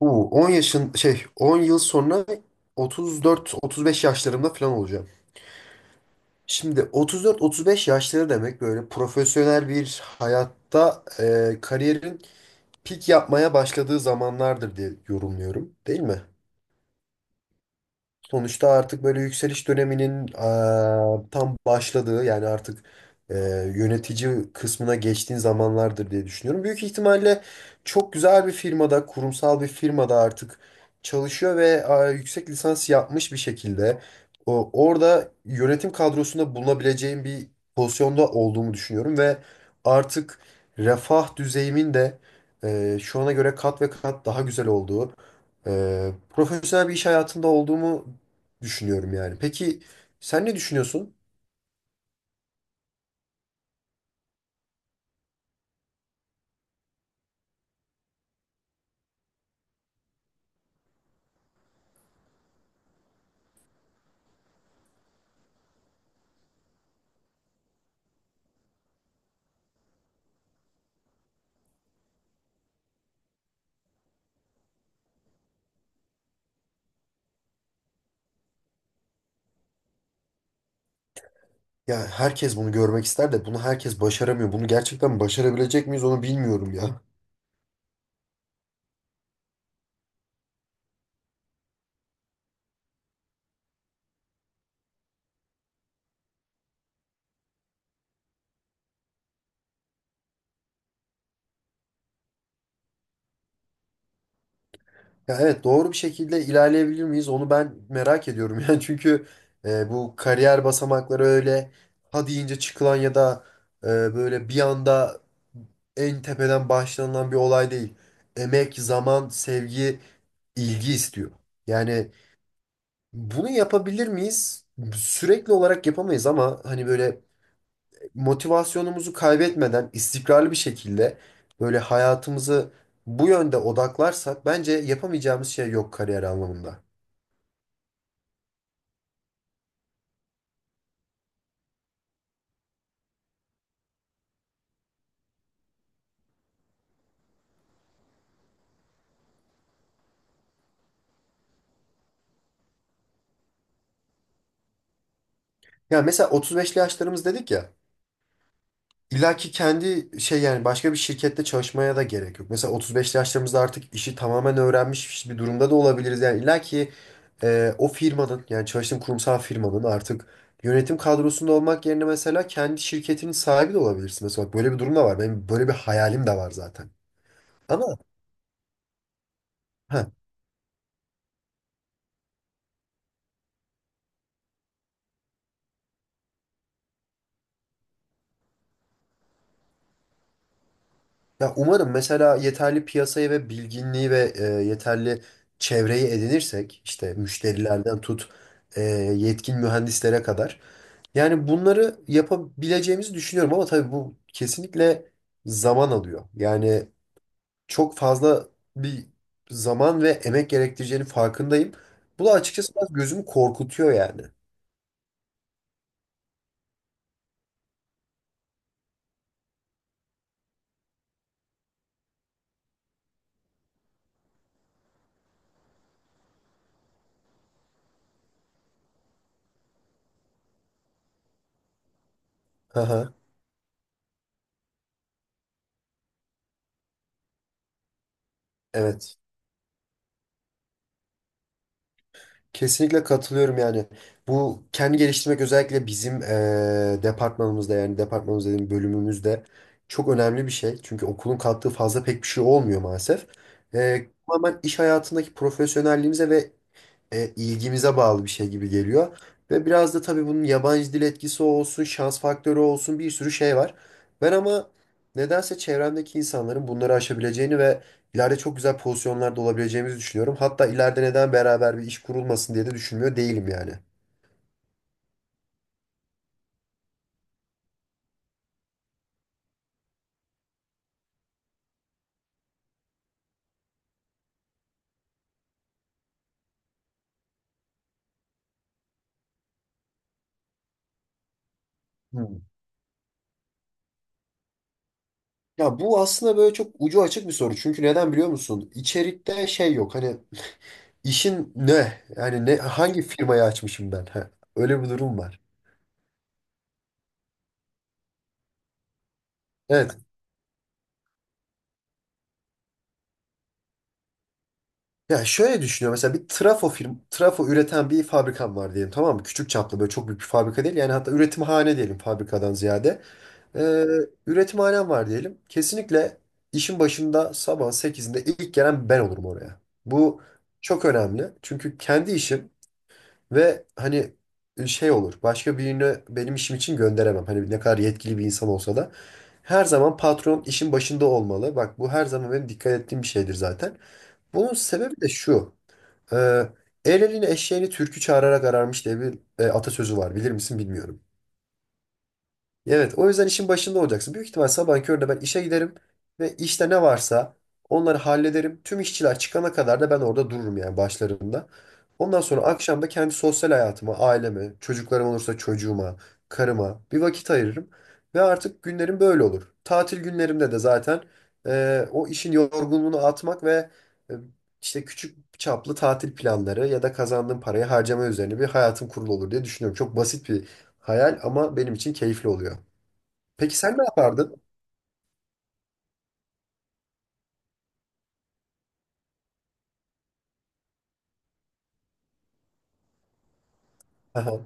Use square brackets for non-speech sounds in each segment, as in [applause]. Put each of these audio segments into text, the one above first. Bu 10 yaşın şey 10 yıl sonra 34-35 yaşlarımda falan olacağım. Şimdi 34-35 yaşları demek böyle profesyonel bir hayatta kariyerin pik yapmaya başladığı zamanlardır diye yorumluyorum, değil mi? Sonuçta artık böyle yükseliş döneminin tam başladığı yani artık yönetici kısmına geçtiğin zamanlardır diye düşünüyorum. Büyük ihtimalle çok güzel bir firmada, kurumsal bir firmada artık çalışıyor ve yüksek lisans yapmış bir şekilde orada yönetim kadrosunda bulunabileceğim bir pozisyonda olduğumu düşünüyorum ve artık refah düzeyimin de şu ana göre kat ve kat daha güzel olduğu profesyonel bir iş hayatında olduğumu düşünüyorum yani. Peki sen ne düşünüyorsun? Ya herkes bunu görmek ister de bunu herkes başaramıyor. Bunu gerçekten başarabilecek miyiz onu bilmiyorum ya. Ya evet doğru bir şekilde ilerleyebilir miyiz onu ben merak ediyorum. [laughs] Yani çünkü bu kariyer basamakları öyle ha deyince çıkılan ya da böyle bir anda en tepeden başlanılan bir olay değil. Emek, zaman, sevgi, ilgi istiyor. Yani bunu yapabilir miyiz? Sürekli olarak yapamayız ama hani böyle motivasyonumuzu kaybetmeden istikrarlı bir şekilde böyle hayatımızı bu yönde odaklarsak bence yapamayacağımız şey yok kariyer anlamında. Yani mesela 35'li yaşlarımız dedik ya. İlla ki kendi şey yani başka bir şirkette çalışmaya da gerek yok. Mesela 35'li yaşlarımızda artık işi tamamen öğrenmiş bir durumda da olabiliriz. Yani illa ki o firmanın yani çalıştığım kurumsal firmanın artık yönetim kadrosunda olmak yerine mesela kendi şirketinin sahibi de olabilirsin. Mesela bak böyle bir durum da var. Benim böyle bir hayalim de var zaten. Ama Heh. Ya umarım mesela yeterli piyasayı ve bilginliği ve yeterli çevreyi edinirsek işte müşterilerden tut e, yetkin mühendislere kadar. Yani bunları yapabileceğimizi düşünüyorum ama tabii bu kesinlikle zaman alıyor. Yani çok fazla bir zaman ve emek gerektireceğinin farkındayım. Bu da açıkçası biraz gözümü korkutuyor yani. Haha, evet. Kesinlikle katılıyorum yani. Bu kendi geliştirmek özellikle bizim departmanımızda yani departmanımız dediğim bölümümüzde çok önemli bir şey. Çünkü okulun kattığı fazla pek bir şey olmuyor maalesef. Tamamen iş hayatındaki profesyonelliğimize ve ilgimize bağlı bir şey gibi geliyor. Ve biraz da tabii bunun yabancı dil etkisi olsun, şans faktörü olsun bir sürü şey var. Ben ama nedense çevremdeki insanların bunları aşabileceğini ve İleride çok güzel pozisyonlarda olabileceğimizi düşünüyorum. Hatta ileride neden beraber bir iş kurulmasın diye de düşünmüyor değilim yani. Hmm. Ya bu aslında böyle çok ucu açık bir soru. Çünkü neden biliyor musun? İçerikte şey yok. Hani işin ne? Yani ne hangi firmayı açmışım ben? Ha, öyle bir durum var. Evet. Ya şöyle düşünüyorum. Mesela bir trafo üreten bir fabrikam var diyelim tamam mı? Küçük çaplı böyle çok büyük bir fabrika değil. Yani hatta üretimhane diyelim fabrikadan ziyade. Ee, üretimhanem var diyelim. Kesinlikle işin başında sabah sekizinde ilk gelen ben olurum oraya. Bu çok önemli. Çünkü kendi işim ve hani şey olur. Başka birini benim işim için gönderemem. Hani ne kadar yetkili bir insan olsa da. Her zaman patron işin başında olmalı. Bak bu her zaman benim dikkat ettiğim bir şeydir zaten. Bunun sebebi de şu. Ee, el elini eşeğini türkü çağırarak ararmış diye bir atasözü var. Bilir misin bilmiyorum. Evet, o yüzden işin başında olacaksın. Büyük ihtimal sabah köründe ben işe giderim ve işte ne varsa onları hallederim. Tüm işçiler çıkana kadar da ben orada dururum yani başlarında. Ondan sonra akşam da kendi sosyal hayatıma, aileme, çocuklarım olursa çocuğuma, karıma bir vakit ayırırım. Ve artık günlerim böyle olur. Tatil günlerimde de zaten o işin yorgunluğunu atmak ve e, işte küçük çaplı tatil planları ya da kazandığım parayı harcama üzerine bir hayatım kurulu olur diye düşünüyorum. Çok basit bir hayal ama benim için keyifli oluyor. Peki sen ne yapardın? Aha.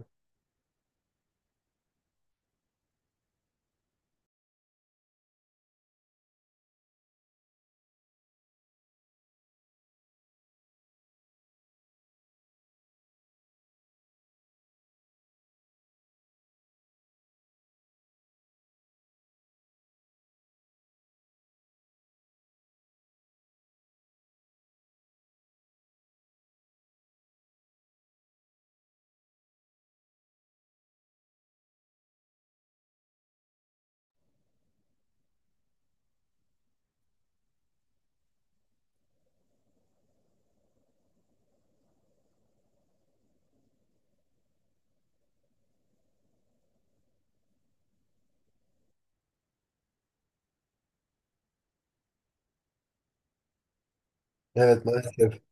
Evet maalesef.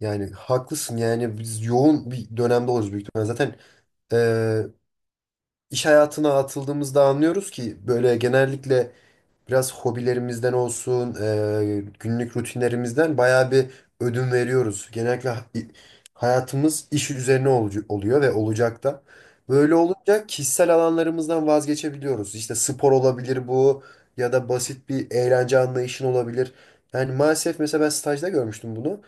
Yani haklısın yani biz yoğun bir dönemde oluruz büyük ihtimalle. Zaten e, iş hayatına atıldığımızda anlıyoruz ki böyle genellikle biraz hobilerimizden olsun, günlük rutinlerimizden bayağı bir ödün veriyoruz. Genellikle hayatımız iş üzerine oluyor ve olacak da. Böyle olunca kişisel alanlarımızdan vazgeçebiliyoruz. İşte spor olabilir bu ya da basit bir eğlence anlayışın olabilir. Yani maalesef mesela ben stajda görmüştüm bunu.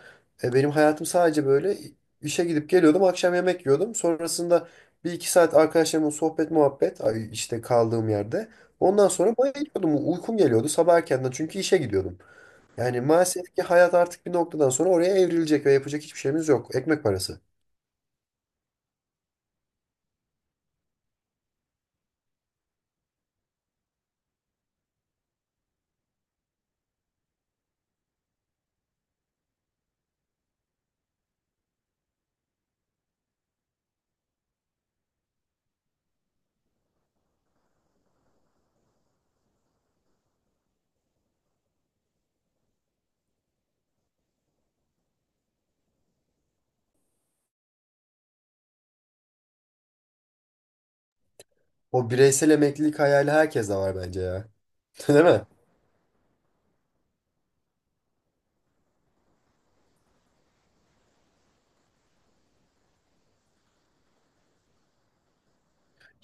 Benim hayatım sadece böyle işe gidip geliyordum, akşam yemek yiyordum. Sonrasında bir iki saat arkadaşlarımla sohbet muhabbet ay, işte kaldığım yerde. Ondan sonra bayılıyordum. Uykum geliyordu sabah erkenden çünkü işe gidiyordum. Yani maalesef ki hayat artık bir noktadan sonra oraya evrilecek ve yapacak hiçbir şeyimiz yok. Ekmek parası. O bireysel emeklilik hayali herkes de var bence ya. [laughs] Değil mi?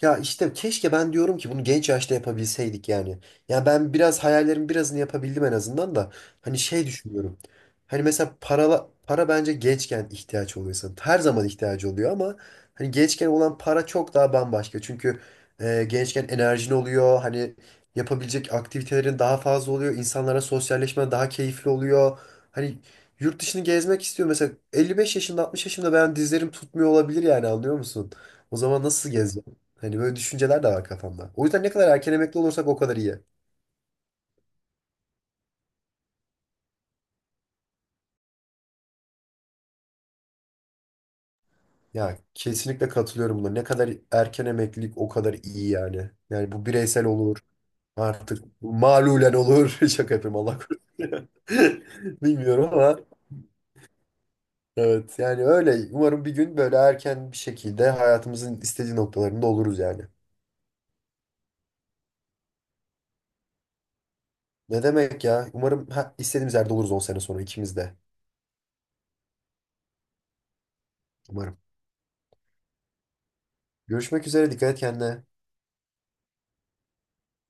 Ya işte keşke ben diyorum ki bunu genç yaşta yapabilseydik yani. Ya ben biraz hayallerimin birazını yapabildim en azından da. Hani şey düşünüyorum. Hani mesela para, para bence gençken ihtiyaç oluyor insanın. Her zaman ihtiyacı oluyor ama hani gençken olan para çok daha bambaşka. Çünkü gençken enerjin oluyor. Hani yapabilecek aktivitelerin daha fazla oluyor. İnsanlara sosyalleşmen daha keyifli oluyor. Hani yurt dışını gezmek istiyor. Mesela 55 yaşında 60 yaşında ben dizlerim tutmuyor olabilir yani anlıyor musun? O zaman nasıl gezeceğim? Hani böyle düşünceler de var kafamda. O yüzden ne kadar erken emekli olursak o kadar iyi. Ya kesinlikle katılıyorum buna. Ne kadar erken emeklilik o kadar iyi yani. Yani bu bireysel olur. Artık malulen olur. [laughs] Şaka yapıyorum Allah korusun. [laughs] Bilmiyorum ama evet yani öyle. Umarım bir gün böyle erken bir şekilde hayatımızın istediği noktalarında oluruz yani. Ne demek ya? Umarım ha, istediğimiz yerde oluruz 10 sene sonra ikimiz de. Umarım. Görüşmek üzere. Dikkat et kendine.